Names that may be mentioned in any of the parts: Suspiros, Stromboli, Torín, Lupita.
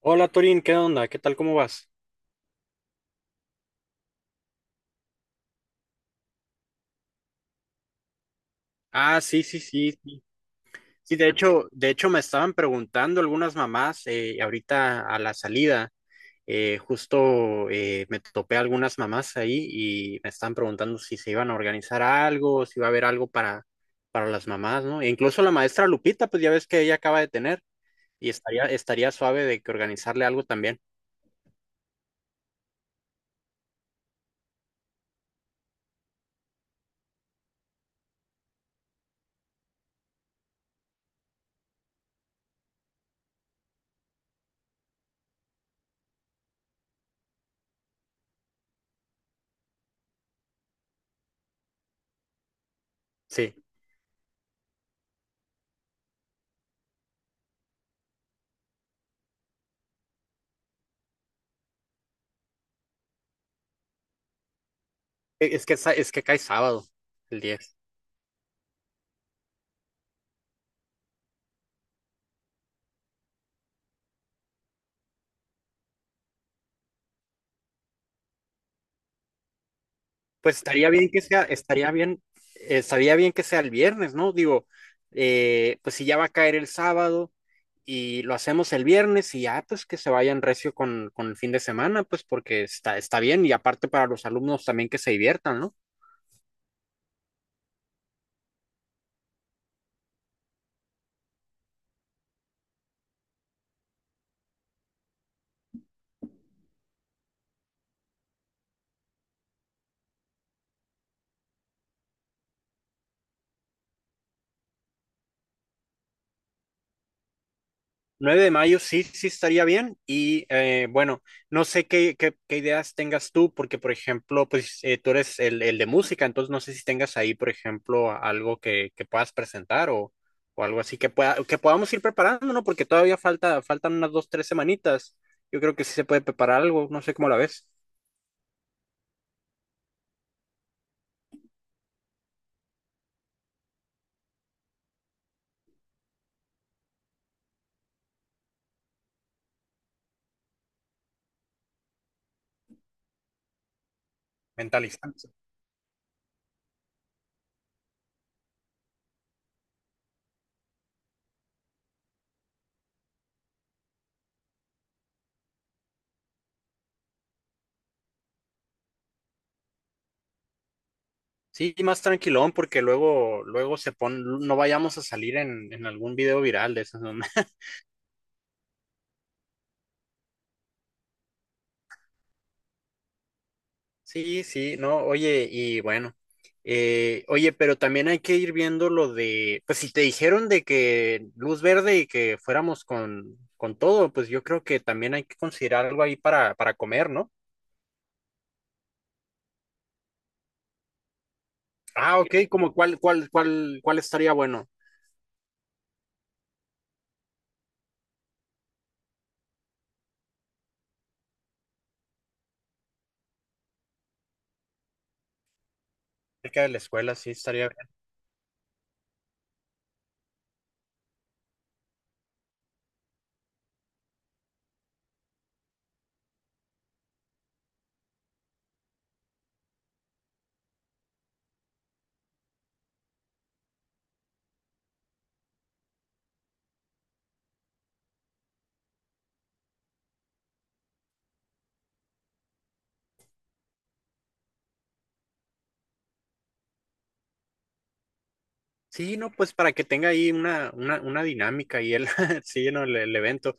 Hola Torín, ¿qué onda? ¿Qué tal? ¿Cómo vas? Ah, sí, sí, sí, sí. Sí, de hecho me estaban preguntando algunas mamás ahorita a la salida. Justo me topé a algunas mamás ahí y me estaban preguntando si se iban a organizar algo, si iba a haber algo para las mamás, ¿no? E incluso la maestra Lupita, pues ya ves que ella acaba de tener y estaría suave de que organizarle algo también. Sí. Es que cae sábado, el día. Pues estaría bien que sea el viernes, ¿no? Digo, pues si ya va a caer el sábado y lo hacemos el viernes y ya, pues que se vayan recio con el fin de semana, pues porque está bien y aparte para los alumnos también que se diviertan, ¿no? 9 de mayo sí, sí estaría bien. Y bueno, no sé qué ideas tengas tú, porque por ejemplo, pues tú eres el de música, entonces no sé si tengas ahí, por ejemplo, algo que puedas presentar o algo así que podamos ir preparando, ¿no? Porque todavía falta, faltan unas 2, 3 semanitas. Yo creo que sí se puede preparar algo, no sé cómo la ves, mentalizarse. Sí, más tranquilón, porque luego, luego se pone, no vayamos a salir en algún video viral de esos, ¿no? Sí, sí, no, oye, y bueno, oye, pero también hay que ir viendo lo de, pues si te dijeron de que luz verde y que fuéramos con todo, pues yo creo que también hay que considerar algo ahí para comer, ¿no? Ah, ok, como cuál estaría bueno. Cerca de la escuela, sí, estaría bien. Sí, no, pues para que tenga ahí una dinámica y sí, no, el evento.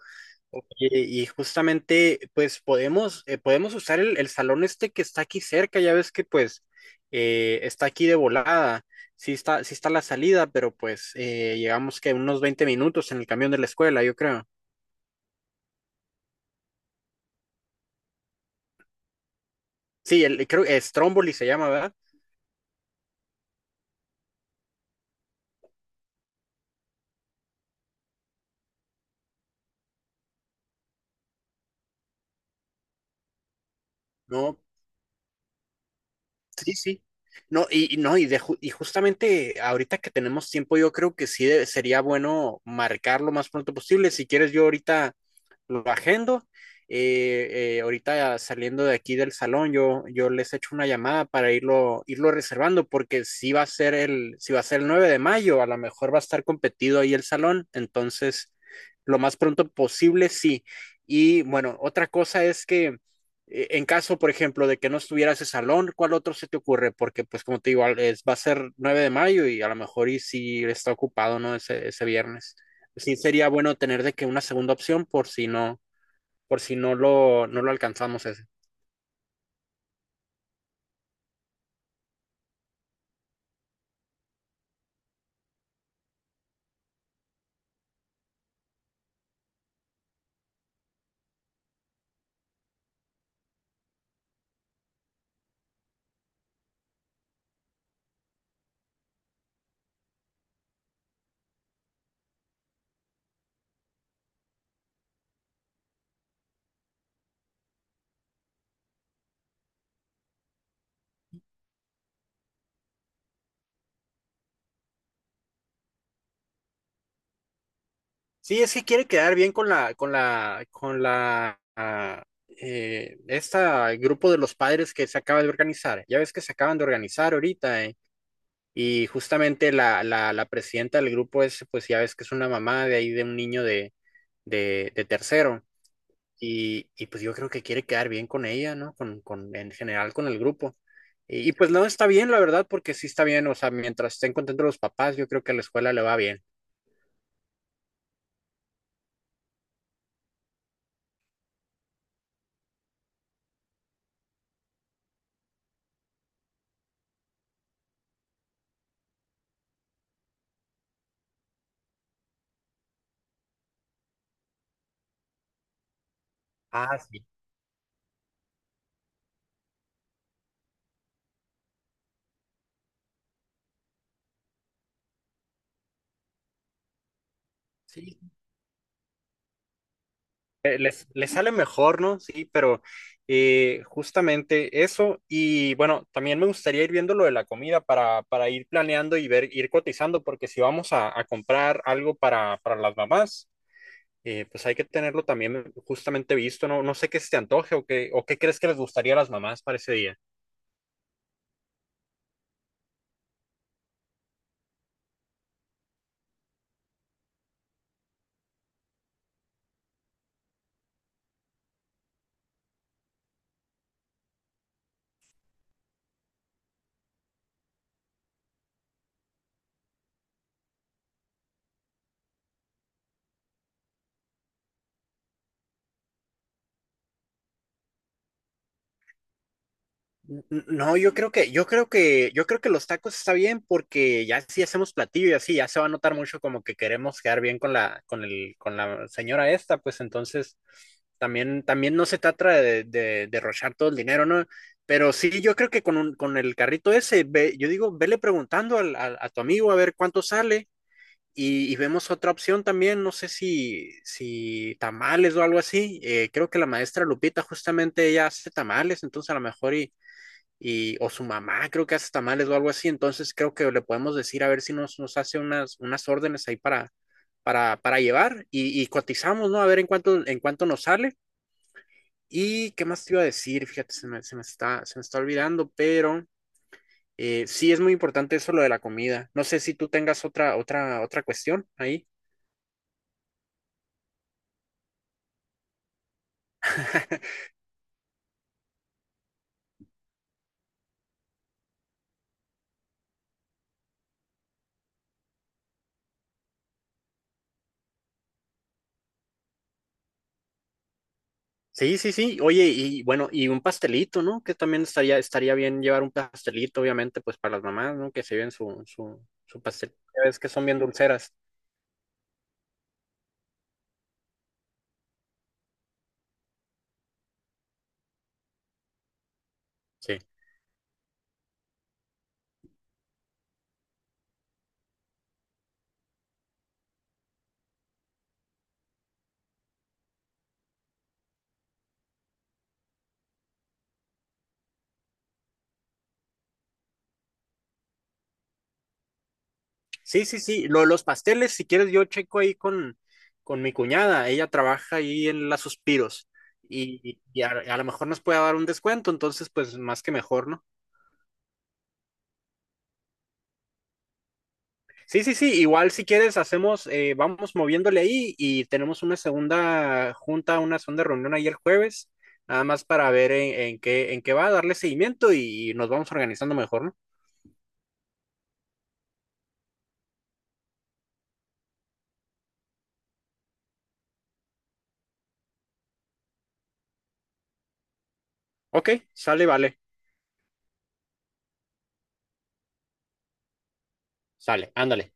Oye, y justamente, pues podemos usar el salón este que está aquí cerca, ya ves que pues está aquí de volada, sí está la salida, pero pues llegamos que unos 20 minutos en el camión de la escuela, yo creo. Sí, creo que es Stromboli se llama, ¿verdad? No, sí, sí. No, y no, y justamente ahorita que tenemos tiempo, yo creo que sí sería bueno marcar lo más pronto posible. Si quieres, yo ahorita lo agendo. Ahorita saliendo de aquí del salón, yo les echo una llamada para irlo reservando, porque si va a ser el, si va a ser el 9 de mayo, a lo mejor va a estar competido ahí el salón, entonces lo más pronto posible, sí. Y bueno, otra cosa es que en caso, por ejemplo, de que no estuviera ese salón, ¿cuál otro se te ocurre? Porque pues como te digo, va a ser 9 de mayo y a lo mejor y si está ocupado, ¿no? Ese viernes sí sería bueno tener de que una segunda opción por si no lo, no lo alcanzamos ese. Sí, es que quiere quedar bien con la, esta grupo de los padres que se acaba de organizar. Ya ves que se acaban de organizar ahorita. Y justamente la presidenta del grupo es, pues ya ves que es una mamá de ahí de un niño de tercero. Pues yo creo que quiere quedar bien con ella, ¿no? Con, en general con el grupo. Y pues no está bien, la verdad, porque sí está bien, o sea, mientras estén contentos los papás, yo creo que a la escuela le va bien. Sí. Les sale mejor, ¿no? Sí, pero justamente eso. Y bueno, también me gustaría ir viendo lo de la comida para ir planeando y ver, ir cotizando, porque si vamos a comprar algo para las mamás, pues hay que tenerlo también justamente visto, ¿no? No sé qué se te antoje o qué crees que les gustaría a las mamás para ese día. No, yo creo que los tacos está bien porque ya si hacemos platillo y así, ya se va a notar mucho como que queremos quedar bien con la señora esta, pues entonces también no se trata de derrochar todo el dinero, ¿no? Pero sí, yo creo que con el carrito ese, yo digo, vele preguntando a tu amigo a ver cuánto sale y vemos otra opción también, no sé si tamales o algo así. Creo que la maestra Lupita justamente ella hace tamales, entonces a lo mejor o su mamá creo que hace tamales o algo así, entonces creo que le podemos decir a ver si nos hace unas órdenes ahí para llevar y cotizamos, ¿no? A ver en cuánto nos sale. ¿Y qué más te iba a decir? Fíjate, se me está olvidando, pero sí es muy importante eso lo de la comida. No sé si tú tengas otra cuestión ahí. Sí, sí, sí. Oye, y bueno, y un pastelito, ¿no? Que también estaría bien llevar un pastelito, obviamente, pues para las mamás, ¿no? Que se lleven su pastel. Ya ves que son bien dulceras. Sí. Sí, sí, sí. Lo de los pasteles, si quieres, yo checo ahí con mi cuñada. Ella trabaja ahí en las Suspiros. Y a lo mejor nos puede dar un descuento, entonces, pues más que mejor, ¿no? Sí, sí, sí, igual si quieres vamos moviéndole ahí y tenemos una segunda junta, una segunda reunión ahí el jueves, nada más para ver en qué va, darle seguimiento y nos vamos organizando mejor, ¿no? Ok, sale, vale, sale, ándale.